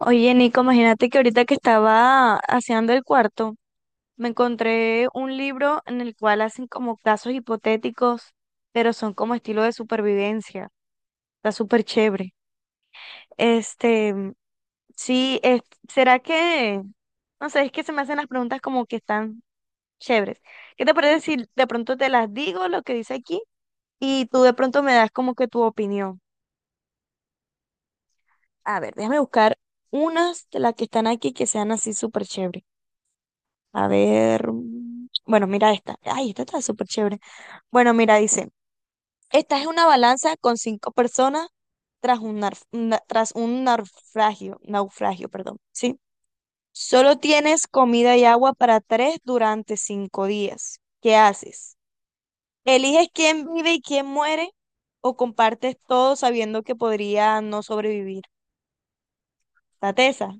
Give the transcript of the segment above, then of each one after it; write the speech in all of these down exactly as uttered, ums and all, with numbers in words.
Oye, Nico, imagínate que ahorita que estaba haciendo el cuarto, me encontré un libro en el cual hacen como casos hipotéticos, pero son como estilo de supervivencia. Está súper chévere. Este, sí, es- ¿será que, no sé, es que se me hacen las preguntas como que están chéveres. ¿Qué te parece si de pronto te las digo lo que dice aquí y tú de pronto me das como que tu opinión? A ver, déjame buscar unas de las que están aquí que sean así súper chéveres. A ver, mm, bueno, mira esta. Ay, esta está súper chévere. Bueno, mira, dice, esta es una balanza con cinco personas tras un, nar- na- tras un naufragio, naufragio, perdón, ¿sí? Solo tienes comida y agua para tres durante cinco días. ¿Qué haces? ¿Eliges quién vive y quién muere o compartes todo sabiendo que podría no sobrevivir? La tesa.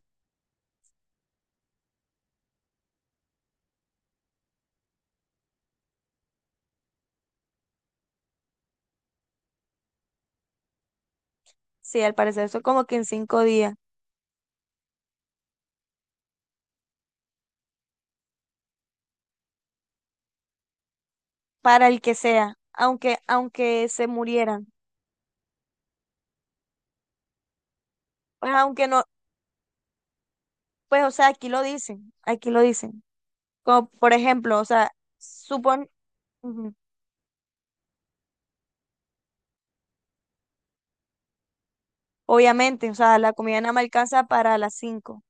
Sí, al parecer eso como que en cinco días, para el que sea, aunque, aunque se murieran. Pues, aunque no, pues, o sea, aquí lo dicen, aquí lo dicen. Como, por ejemplo, o sea, supon, ujú, obviamente, o sea, la comida nada más alcanza para las cinco.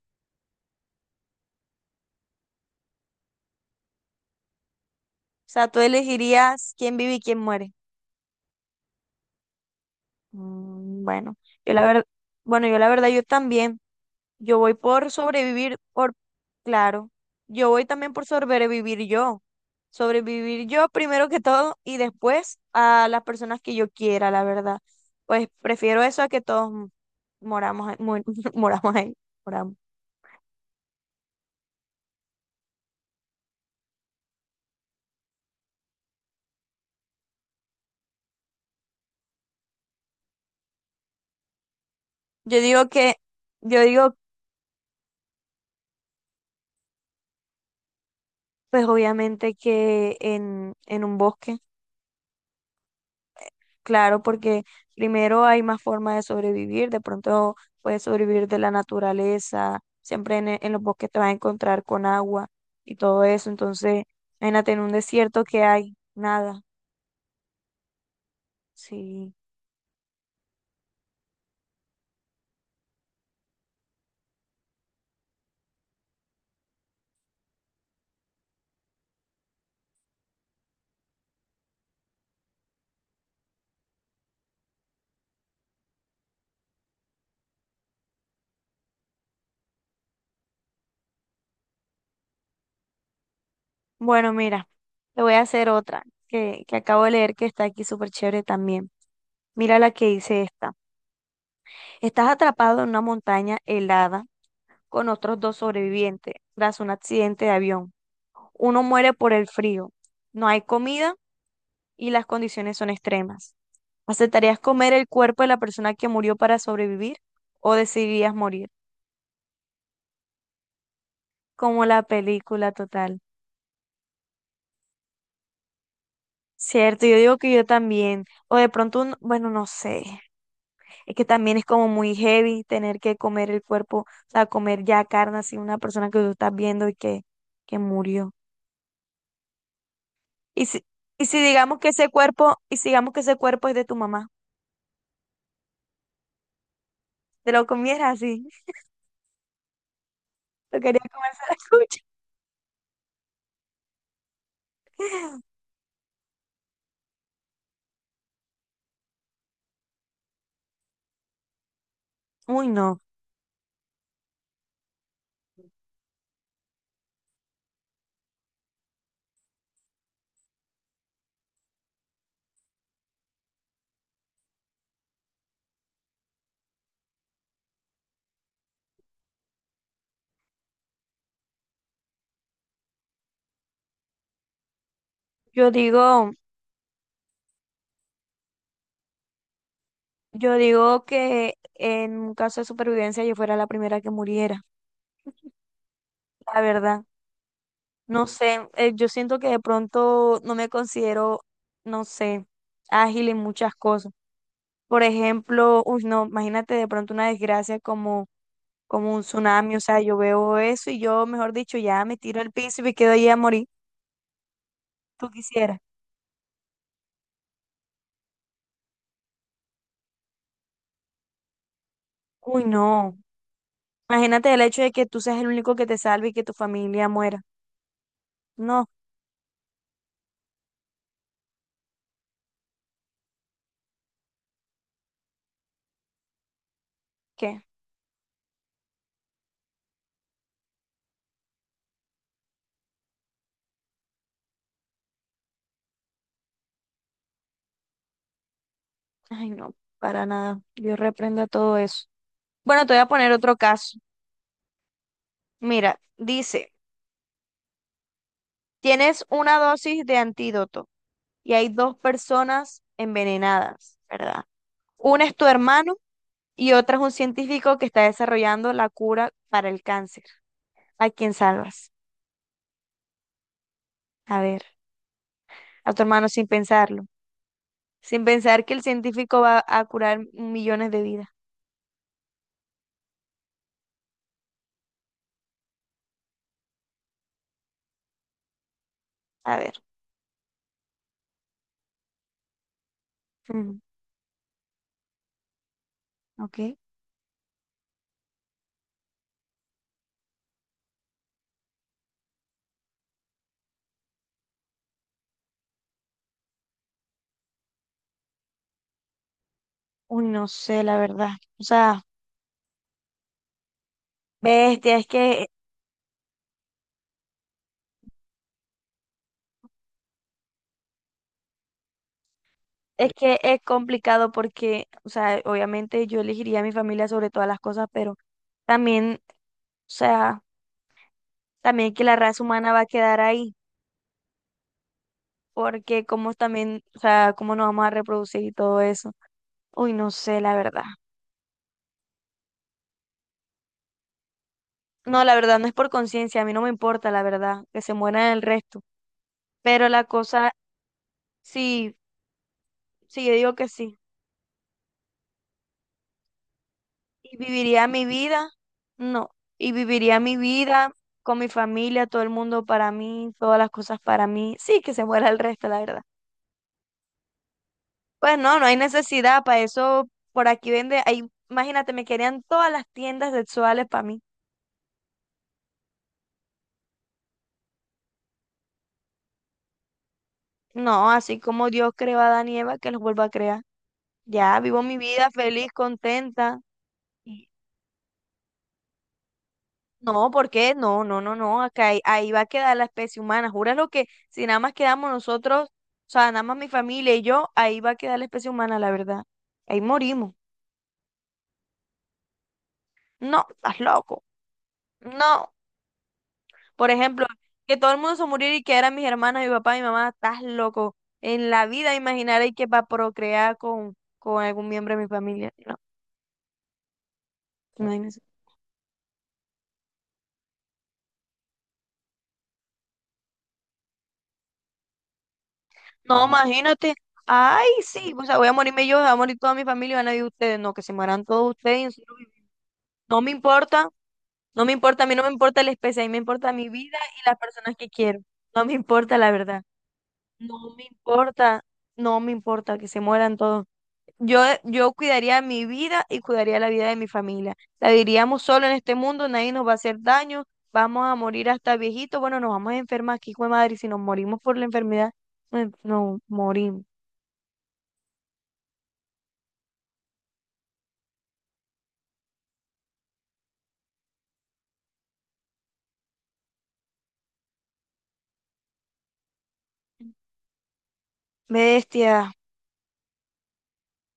O sea, tú elegirías quién vive y quién muere. Mm, bueno, yo la verdad, bueno, yo la verdad, yo también, yo voy por sobrevivir, por, claro, yo voy también por sobrevivir yo. Sobrevivir yo primero que todo y después a las personas que yo quiera, la verdad. Pues prefiero eso a que todos moramos ahí, mu- moramos ahí, moramos. Yo digo que, yo digo, pues obviamente que en, en un bosque, claro, porque primero hay más formas de sobrevivir, de pronto puedes sobrevivir de la naturaleza, siempre en, e- en los bosques te vas a encontrar con agua y todo eso, entonces, imagínate en un desierto que hay nada, sí. Bueno, mira, te voy a hacer otra que, que acabo de leer que está aquí súper chévere también. Mira la que dice esta. Estás atrapado en una montaña helada con otros dos sobrevivientes tras un accidente de avión. Uno muere por el frío. No hay comida y las condiciones son extremas. ¿Aceptarías comer el cuerpo de la persona que murió para sobrevivir o decidirías morir? Como la película total. Cierto, yo digo que yo también. O de pronto, un- bueno, no sé. Es que también es como muy heavy tener que comer el cuerpo, o sea, comer ya carne así, una persona que tú estás viendo y que, que murió. Y si, y si digamos que ese cuerpo, y si digamos que ese cuerpo es de tu mamá, te lo comieras así, lo quería comer a la cucha. Uy, no. Yo digo, yo digo que en un caso de supervivencia yo fuera la primera que muriera, la verdad. No sé, eh, yo siento que de pronto no me considero, no sé, ágil en muchas cosas. Por ejemplo, uy, no, imagínate de pronto una desgracia como, como, un tsunami, o sea, yo veo eso y yo, mejor dicho, ya me tiro al piso y me quedo ahí a morir. Tú quisieras. Uy, no. Imagínate el hecho de que tú seas el único que te salve y que tu familia muera. No, ¿qué? Ay, no, para nada. Dios reprenda todo eso. Bueno, te voy a poner otro caso. Mira, dice, tienes una dosis de antídoto y hay dos personas envenenadas, ¿verdad? Una es tu hermano y otra es un científico que está desarrollando la cura para el cáncer. ¿A quién salvas? A ver, a tu hermano sin pensarlo. Sin pensar que el científico va a curar millones de vidas. A ver, mm, ok. Uy, no sé, la verdad. O sea, bestia, es que es que es complicado porque, o sea, obviamente yo elegiría a mi familia sobre todas las cosas, pero también, o sea, también que la raza humana va a quedar ahí, porque como también, o sea, cómo nos vamos a reproducir y todo eso. Uy, no sé, la verdad. No, la verdad no es por conciencia, a mí no me importa, la verdad, que se mueran el resto. Pero la cosa, sí, sí, yo digo que sí. Y viviría mi vida, no. Y viviría mi vida con mi familia, todo el mundo para mí, todas las cosas para mí. Sí, que se muera el resto, la verdad. Pues no, no hay necesidad para eso. Por aquí vende, ahí, imagínate, me querían todas las tiendas sexuales para mí. No, así como Dios creó a Adán y Eva, que los vuelva a crear. Ya, vivo mi vida feliz, contenta. No, ¿por qué? No, no, no, no. Acá ahí, ahí va a quedar la especie humana. Júralo que si nada más quedamos nosotros, o sea, nada más mi familia y yo, ahí va a quedar la especie humana, la verdad. Ahí morimos. No, estás loco. No. Por ejemplo, que todo el mundo se muriera y que eran mis hermanas, mi papá, mi mamá, estás loco. En la vida imaginaré que va a procrear con, con algún miembro de mi familia. No, imagínense. No, imagínate. Ay, sí, o sea, voy a morirme yo, va a morir toda mi familia y van a vivir ustedes. No, que se mueran todos ustedes. No me importa. No me importa, a mí no me importa la especie, a mí me importa mi vida y las personas que quiero. No me importa, la verdad. No me importa, no me importa que se mueran todos. Yo, yo cuidaría mi vida y cuidaría la vida de mi familia. La viviríamos solo en este mundo, nadie nos va a hacer daño, vamos a morir hasta viejitos. Bueno, nos vamos a enfermar aquí, hijo de madre, y si nos morimos por la enfermedad, nos, nos morimos. Bestia,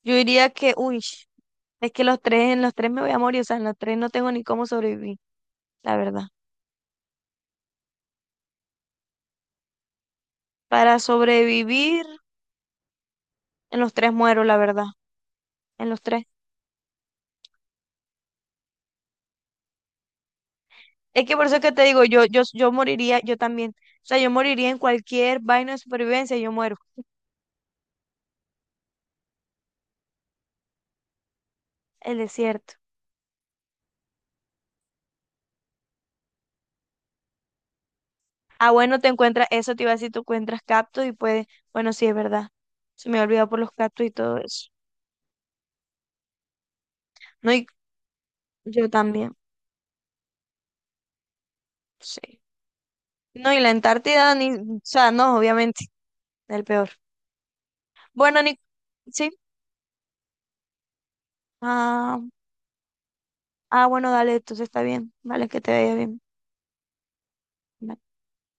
yo diría que, uy, es que los tres, en los tres me voy a morir, o sea, en los tres no tengo ni cómo sobrevivir, la verdad. Para sobrevivir en los tres muero, la verdad, en los tres. Es que por eso que te digo, yo, yo, yo moriría, yo también. O sea, yo moriría en cualquier vaina de supervivencia, yo muero. El desierto. Ah, bueno, te encuentras, eso te iba a decir, tú encuentras cactus y puedes, bueno, sí, es verdad. Se me ha olvidado por los cactus y todo eso. No, y yo también, sí. No, y la Antártida, ni, o sea, no, obviamente, el peor. Bueno, ni, sí. Ah, ah, bueno, dale, entonces está bien. Vale, que te vaya bien. Bye.